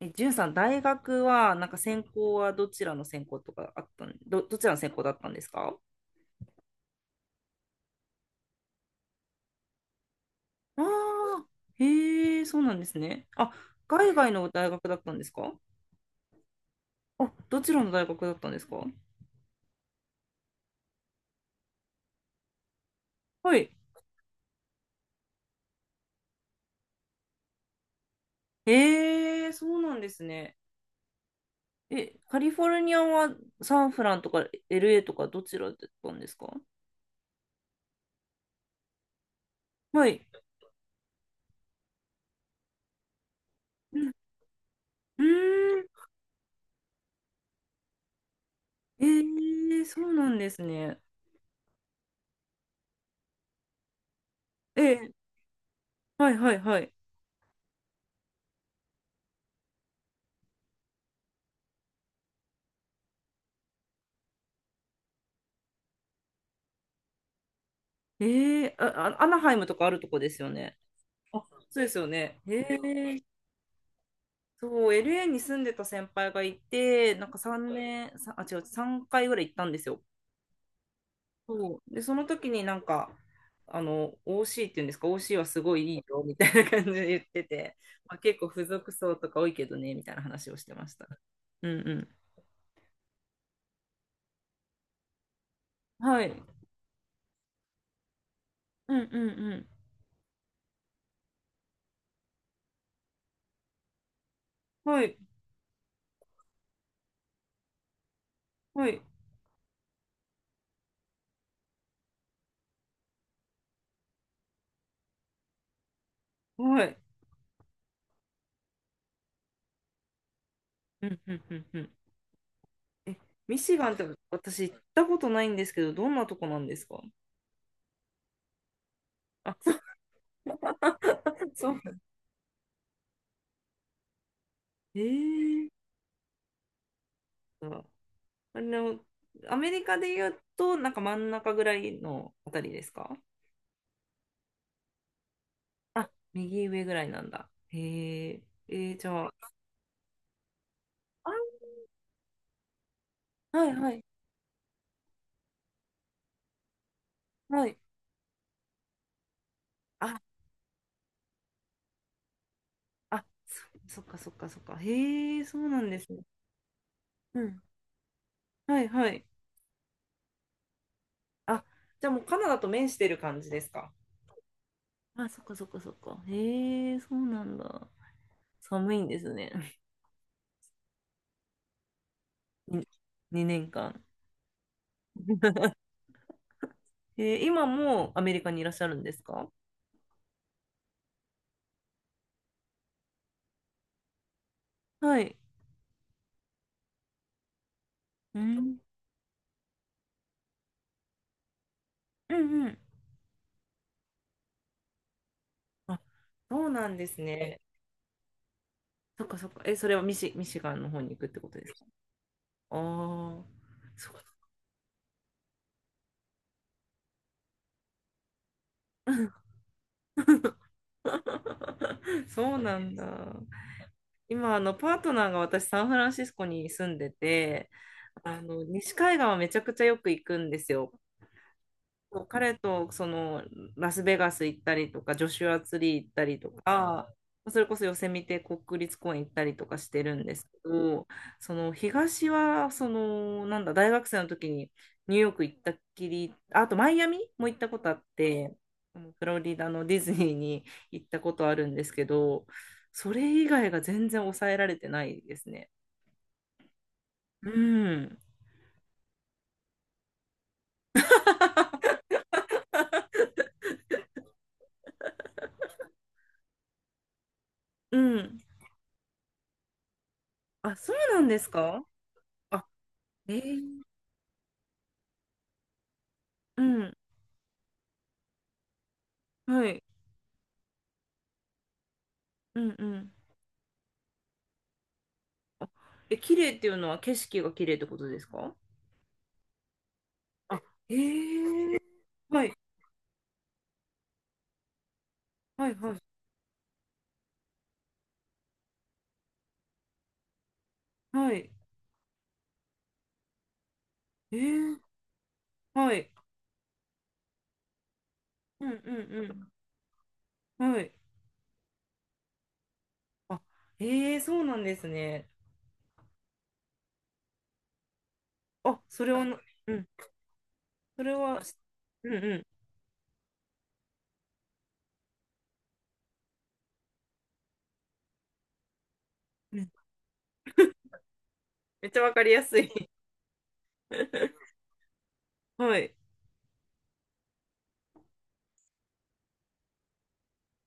じゅんさん、大学は、なんか専攻はどちらの専攻とかあったん、ど、どちらの専攻だったんですか？ああー、へえ、そうなんですね。あ、海外の大学だったんですか？あ、どちらの大学だったんですか？はい。へえ、そうなんですね。え、カリフォルニアはサンフランとか LA とかどちらだったんですか？はい。うん、うーん、ええ、そうなんですね。ええ、はいはいはい。ええ、あ、アナハイムとかあるとこですよね。あ、そうですよね。へえ、そう、LA に住んでた先輩がいて、なんか3年、さあ、違う、3回ぐらい行ったんですよ。そう。で、その時になんか、OC っていうんですか、OC はすごいいいよ、みたいな感じで言ってて、まあ、結構付属層とか多いけどね、みたいな話をしてました。うんうん。はい。うんうんうん。はい、はい、はい。うんうんうんうん。え、ミシガンって私行ったことないんですけど、どんなとこなんですか？あ、そう。ええーあの、アメリカで言うと、なんか真ん中ぐらいのあたりですか？あ、右上ぐらいなんだ。へえ、じゃあ、あ、はいはい、はい。あ、あ、そ、そっかそっかそっか。へえ、そうなんですね。うん。はいはい。あ、じゃあもうカナダと面してる感じですか？あ、そっかそっかそっか。へえ、そうなんだ。寒いんですね。に2年間。今もアメリカにいらっしゃるんですか？はい。うん。うんうん、あ、そうなんですね。そっかそっか。え、それはミシガンの方に行くってことですか？ああー、そう。そうなんだ。今、パートナーが私、サンフランシスコに住んでて、西海岸はめちゃくちゃよく行くんですよ。そう、彼とラスベガス行ったりとか、ジョシュアツリー行ったりとか、それこそヨセミテ国立公園行ったりとかしてるんですけど、その東はそのなんだ大学生の時にニューヨーク行ったっきり、ああとマイアミも行ったことあって、フロリダのディズニーに行ったことあるんですけど、それ以外が全然抑えられてないですね。うん。うん。あ、そうなんですか？あ、えーうん。はい。うんうん。あ綺麗っていうのは景色が綺麗ってことですか？あ、ええ、はい、はい、はい、はい、ええ、はい、うんうんうん、はい。あ、ええ、そうなんですね。あ、それはな、うん、それは、うんうん、うん、めっちゃわかりやすい。はい。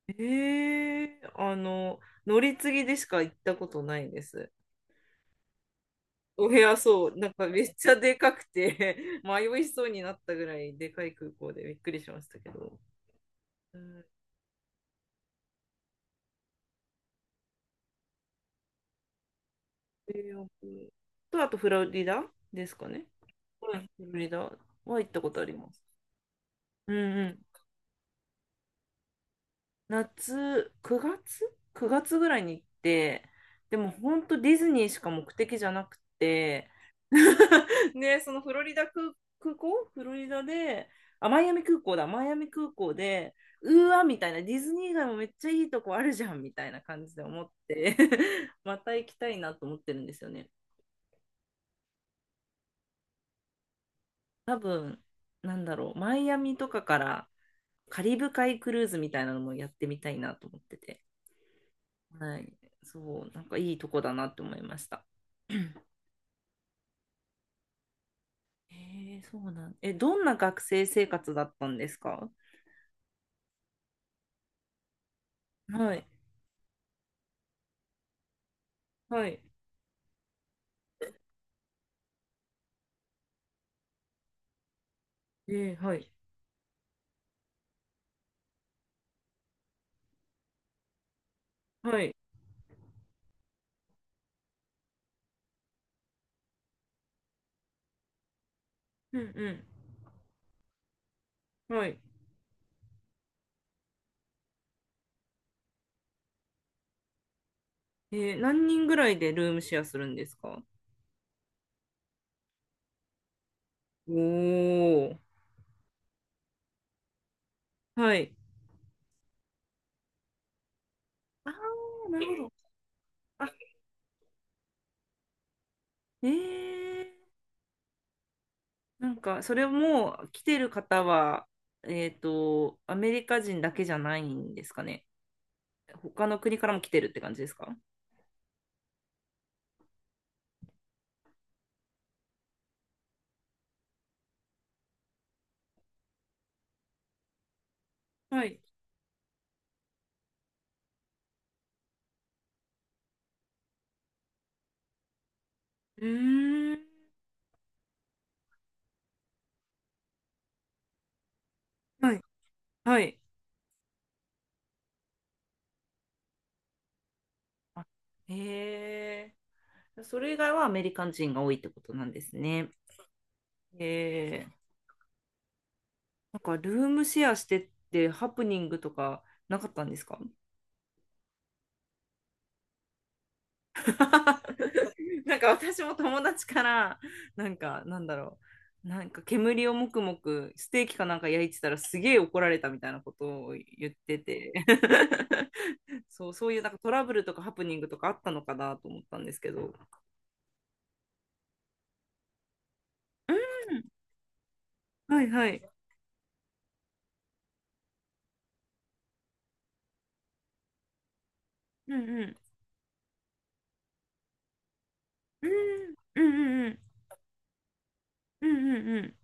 ええ、乗り継ぎでしか行ったことないです。お部屋そう、なんかめっちゃでかくて 迷いそうになったぐらいでかい空港でびっくりしましたけど。うん、ニューヨークと、あとフロリダですかね。はい、フロリダは行ったことあります。うんうん。夏、9月 ?9 月ぐらいに行って、でも本当ディズニーしか目的じゃなくて、ね、そのフロリダ空、空港フロリダで、あ、マイアミ空港だ、マイアミ空港で、うーわ、みたいな、ディズニー以外もめっちゃいいとこあるじゃん、みたいな感じで思って また行きたいなと思ってるんですよね。多分、なんだろう、マイアミとかからカリブ海クルーズみたいなのもやってみたいなと思ってて。はい。そう、なんかいいとこだなって思いました。そうなん。え、どんな学生生活だったんですか？はい。はい。はい。はい。うんうん。はい。何人ぐらいでルームシェアするんですか？おー。はい。あー、なるほど。あ、えー、なんか、それも来てる方は、アメリカ人だけじゃないんですかね。他の国からも来てるって感じですか？はい。うーん。はい。はい。あへえ、それ以外はアメリカ人が多いってことなんですね。へえ、なんかルームシェアしてってハプニングとかなかったんですか？ なんか私も友達からなんかなんだろうなんか煙をもくもくステーキかなんか焼いてたらすげえ怒られたみたいなことを言ってて そう、そういうなんかトラブルとかハプニングとかあったのかなと思ったんですけど。うん、はいはい。うんうんうんうんうんうんうんうん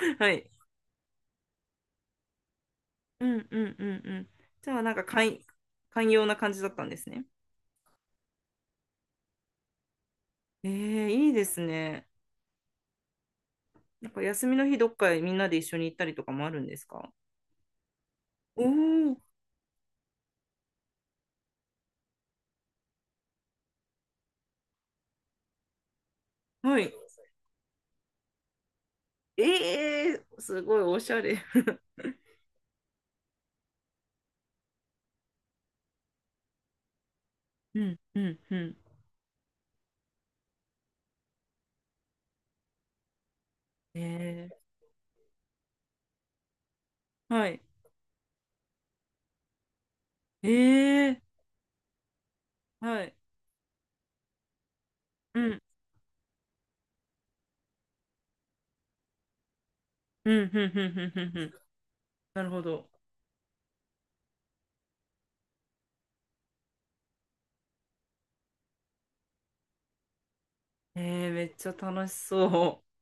うん、はい。うんうんうんうん。じゃあなんか寛容な感じだったんですね。いいですね。なんか休みの日どっかへみんなで一緒に行ったりとかもあるんですか？おおー、はい。ええー、すごいおしゃれ。うんうんうん。えはい。えはい。うんうんうんうんうんうんうん。なるほど。めっちゃ楽しそう。